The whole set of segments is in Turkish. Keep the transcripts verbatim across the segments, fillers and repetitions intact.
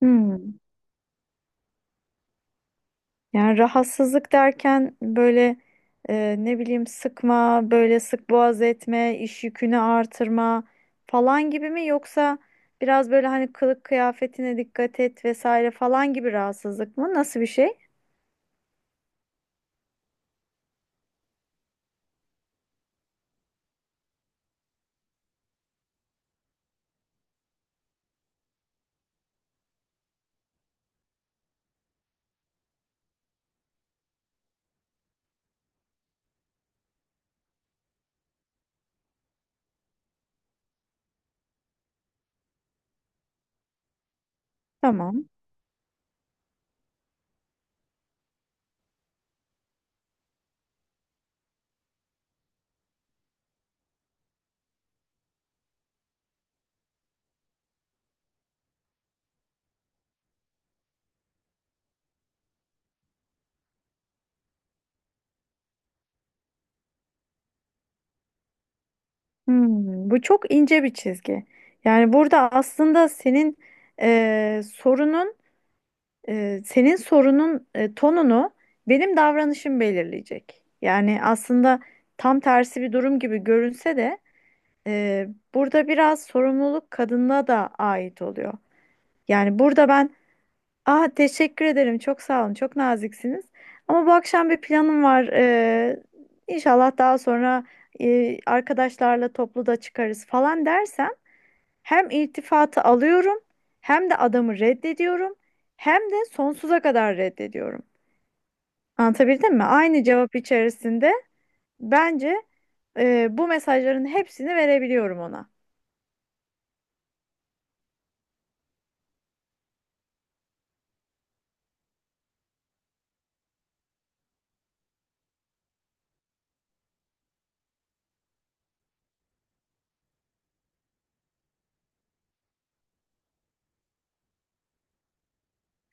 Hmm. Yani rahatsızlık derken böyle e, ne bileyim sıkma, böyle sık boğaz etme, iş yükünü artırma falan gibi mi, yoksa biraz böyle hani kılık kıyafetine dikkat et vesaire falan gibi rahatsızlık mı? Nasıl bir şey? Tamam. Hmm, bu çok ince bir çizgi. Yani burada aslında senin e, sorunun Ee, senin sorunun e, tonunu benim davranışım belirleyecek. Yani aslında tam tersi bir durum gibi görünse de e, burada biraz sorumluluk kadına da ait oluyor. Yani burada ben "ah, teşekkür ederim, çok sağ olun, çok naziksiniz ama bu akşam bir planım var. Ee, inşallah daha sonra e, arkadaşlarla toplu da çıkarız" falan dersem, hem iltifatı alıyorum, hem de adamı reddediyorum, hem de sonsuza kadar reddediyorum. Anlatabildim mi? Aynı cevap içerisinde bence e, bu mesajların hepsini verebiliyorum ona.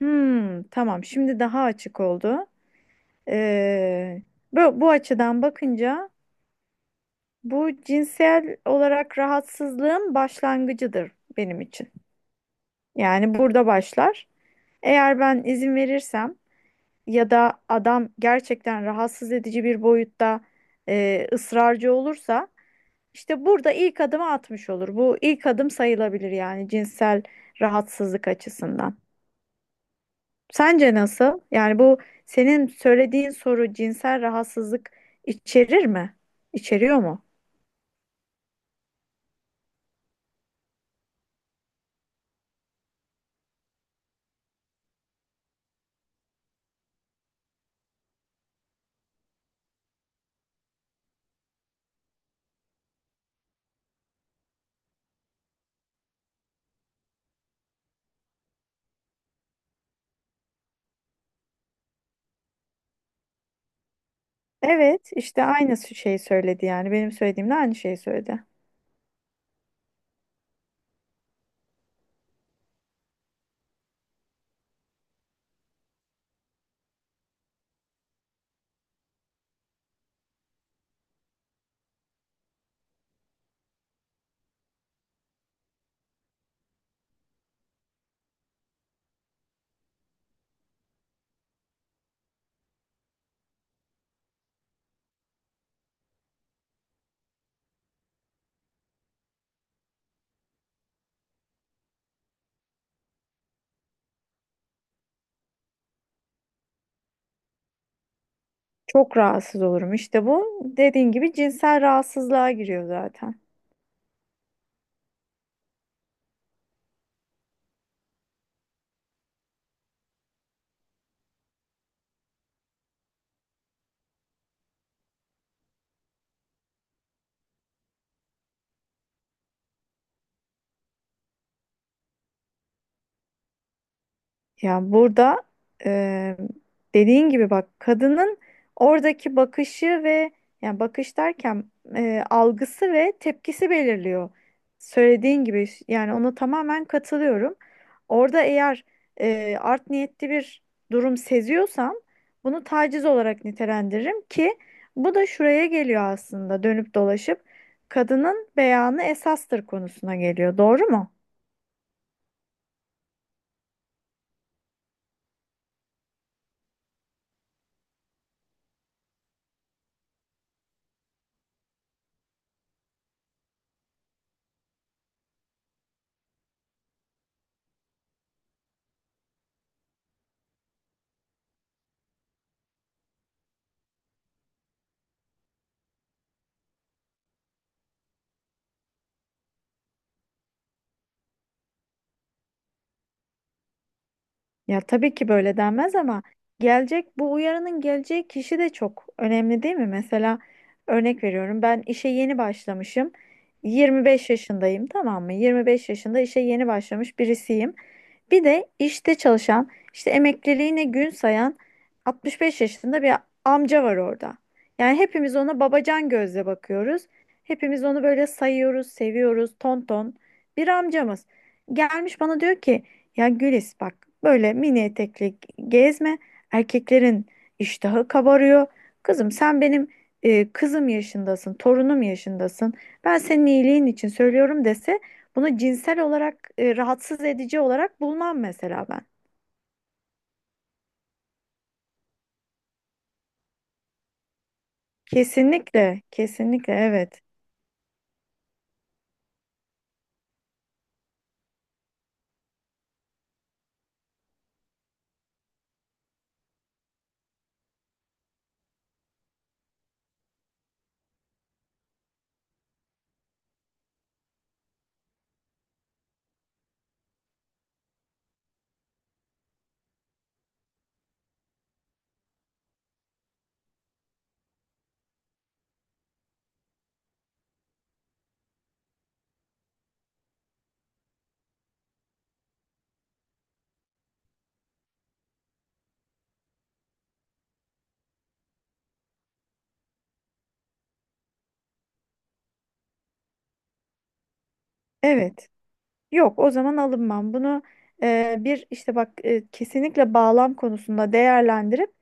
Hmm, tamam. Şimdi daha açık oldu. Ee, bu, bu açıdan bakınca bu cinsel olarak rahatsızlığın başlangıcıdır benim için. Yani burada başlar. Eğer ben izin verirsem ya da adam gerçekten rahatsız edici bir boyutta e, ısrarcı olursa, işte burada ilk adımı atmış olur. Bu ilk adım sayılabilir yani, cinsel rahatsızlık açısından. Sence nasıl? Yani bu, senin söylediğin soru cinsel rahatsızlık içerir mi? İçeriyor mu? Evet, işte aynı şeyi söyledi yani, benim söylediğimle aynı şeyi söyledi. Çok rahatsız olurum. İşte bu, dediğin gibi cinsel rahatsızlığa giriyor zaten. Ya burada eee dediğin gibi bak, kadının oradaki bakışı ve, yani bakış derken eee, algısı ve tepkisi belirliyor. Söylediğin gibi, yani ona tamamen katılıyorum. Orada eğer eee, art niyetli bir durum seziyorsam, bunu taciz olarak nitelendiririm ki bu da şuraya geliyor aslında, dönüp dolaşıp kadının beyanı esastır konusuna geliyor. Doğru mu? Ya tabii ki böyle denmez ama gelecek bu uyarının geleceği kişi de çok önemli, değil mi? Mesela örnek veriyorum, ben işe yeni başlamışım. yirmi beş yaşındayım, tamam mı? yirmi beş yaşında işe yeni başlamış birisiyim. Bir de işte çalışan, işte emekliliğine gün sayan altmış beş yaşında bir amca var orada. Yani hepimiz ona babacan gözle bakıyoruz. Hepimiz onu böyle sayıyoruz, seviyoruz, ton ton. Bir amcamız gelmiş bana diyor ki "ya Gülis, bak böyle mini etekli gezme, erkeklerin iştahı kabarıyor. Kızım, sen benim e, kızım yaşındasın, torunum yaşındasın. Ben senin iyiliğin için söylüyorum" dese, bunu cinsel olarak e, rahatsız edici olarak bulmam mesela ben. Kesinlikle, kesinlikle evet. Evet. Yok, o zaman alınmam. Bunu e, bir işte bak, e, kesinlikle bağlam konusunda değerlendirip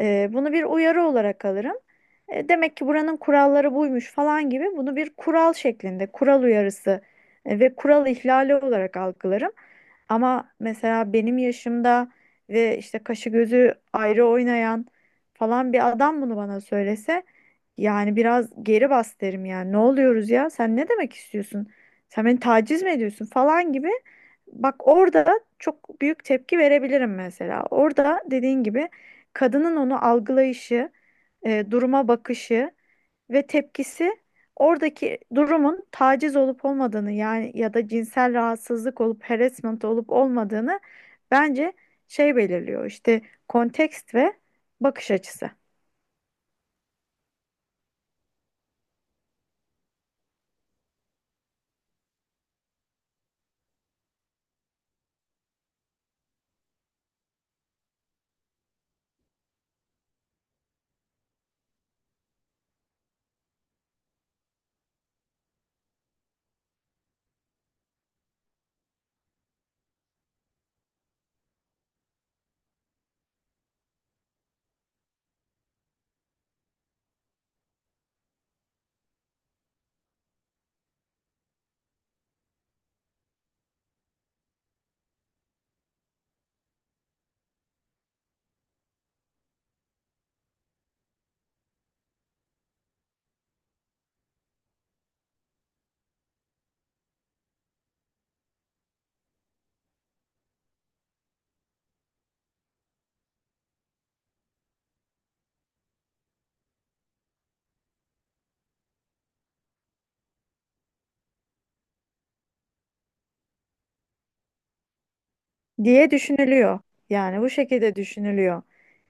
e, bunu bir uyarı olarak alırım. E, demek ki buranın kuralları buymuş falan gibi, bunu bir kural şeklinde, kural uyarısı e, ve kural ihlali olarak algılarım. Ama mesela benim yaşımda ve işte kaşı gözü ayrı oynayan falan bir adam bunu bana söylese, yani biraz "geri bas" derim yani. Ne oluyoruz ya? Sen ne demek istiyorsun? Sen beni taciz mi ediyorsun falan gibi. Bak orada çok büyük tepki verebilirim mesela. Orada, dediğin gibi, kadının onu algılayışı, e, duruma bakışı ve tepkisi oradaki durumun taciz olup olmadığını, yani ya da cinsel rahatsızlık olup harassment olup olmadığını bence şey belirliyor. İşte kontekst ve bakış açısı. Diye düşünülüyor. Yani bu şekilde düşünülüyor.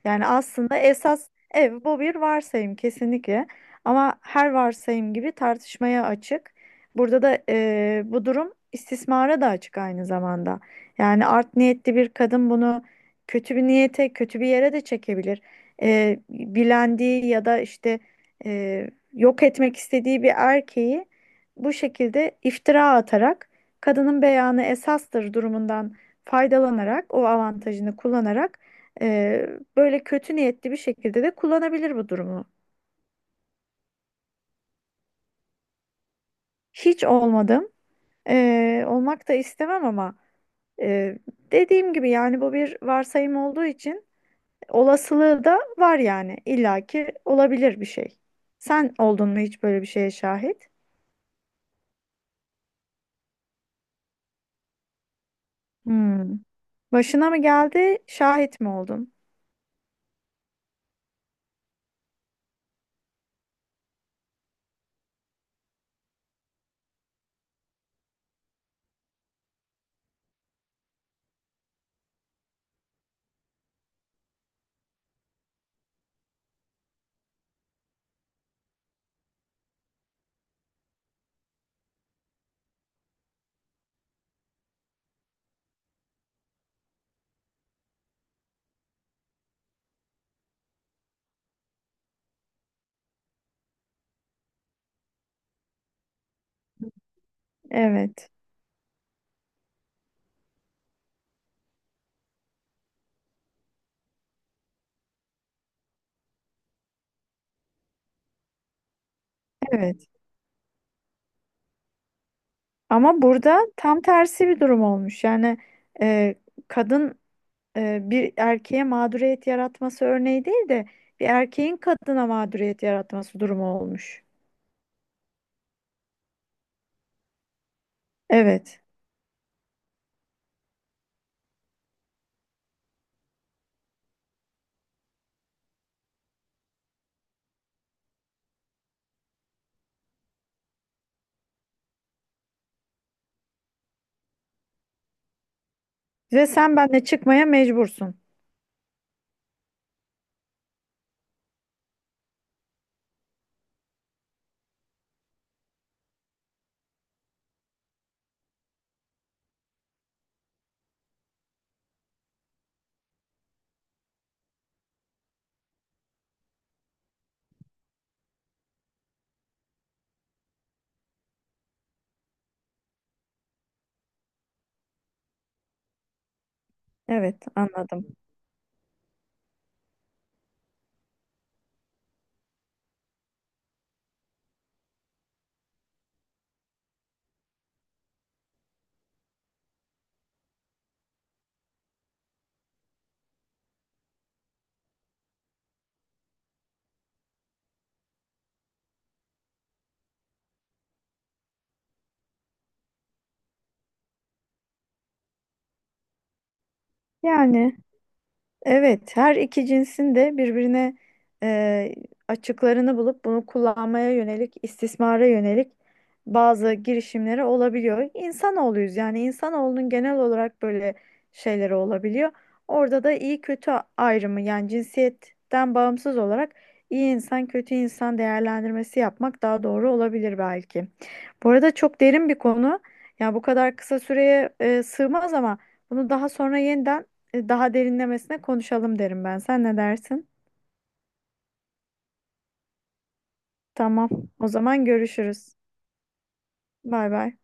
Yani aslında esas ev bu bir varsayım kesinlikle. Ama her varsayım gibi tartışmaya açık. Burada da eee, bu durum istismara da açık aynı zamanda. Yani art niyetli bir kadın bunu kötü bir niyete, kötü bir yere de çekebilir. Eee, bilendiği ya da işte eee, yok etmek istediği bir erkeği bu şekilde iftira atarak, kadının beyanı esastır durumundan faydalanarak, o avantajını kullanarak, e, böyle kötü niyetli bir şekilde de kullanabilir bu durumu. Hiç olmadım. E, olmak da istemem ama e, dediğim gibi, yani bu bir varsayım olduğu için olasılığı da var yani. İlla ki olabilir bir şey. Sen oldun mu hiç böyle bir şeye şahit? Hmm. Başına mı geldi, şahit mi oldun? Evet, evet. Ama burada tam tersi bir durum olmuş. Yani e, kadın e, bir erkeğe mağduriyet yaratması örneği değil de, bir erkeğin kadına mağduriyet yaratması durumu olmuş. Evet. Ve sen benimle çıkmaya mecbursun. Evet, anladım. Yani evet, her iki cinsin de birbirine e, açıklarını bulup bunu kullanmaya yönelik, istismara yönelik bazı girişimleri olabiliyor. İnsanoğluyuz, yani insanoğlunun genel olarak böyle şeyleri olabiliyor. Orada da iyi kötü ayrımı, yani cinsiyetten bağımsız olarak iyi insan kötü insan değerlendirmesi yapmak daha doğru olabilir belki. Bu arada çok derin bir konu. Ya bu kadar kısa süreye e, sığmaz ama bunu daha sonra yeniden e, daha derinlemesine konuşalım derim ben. Sen ne dersin? Tamam. O zaman görüşürüz. Bay bay.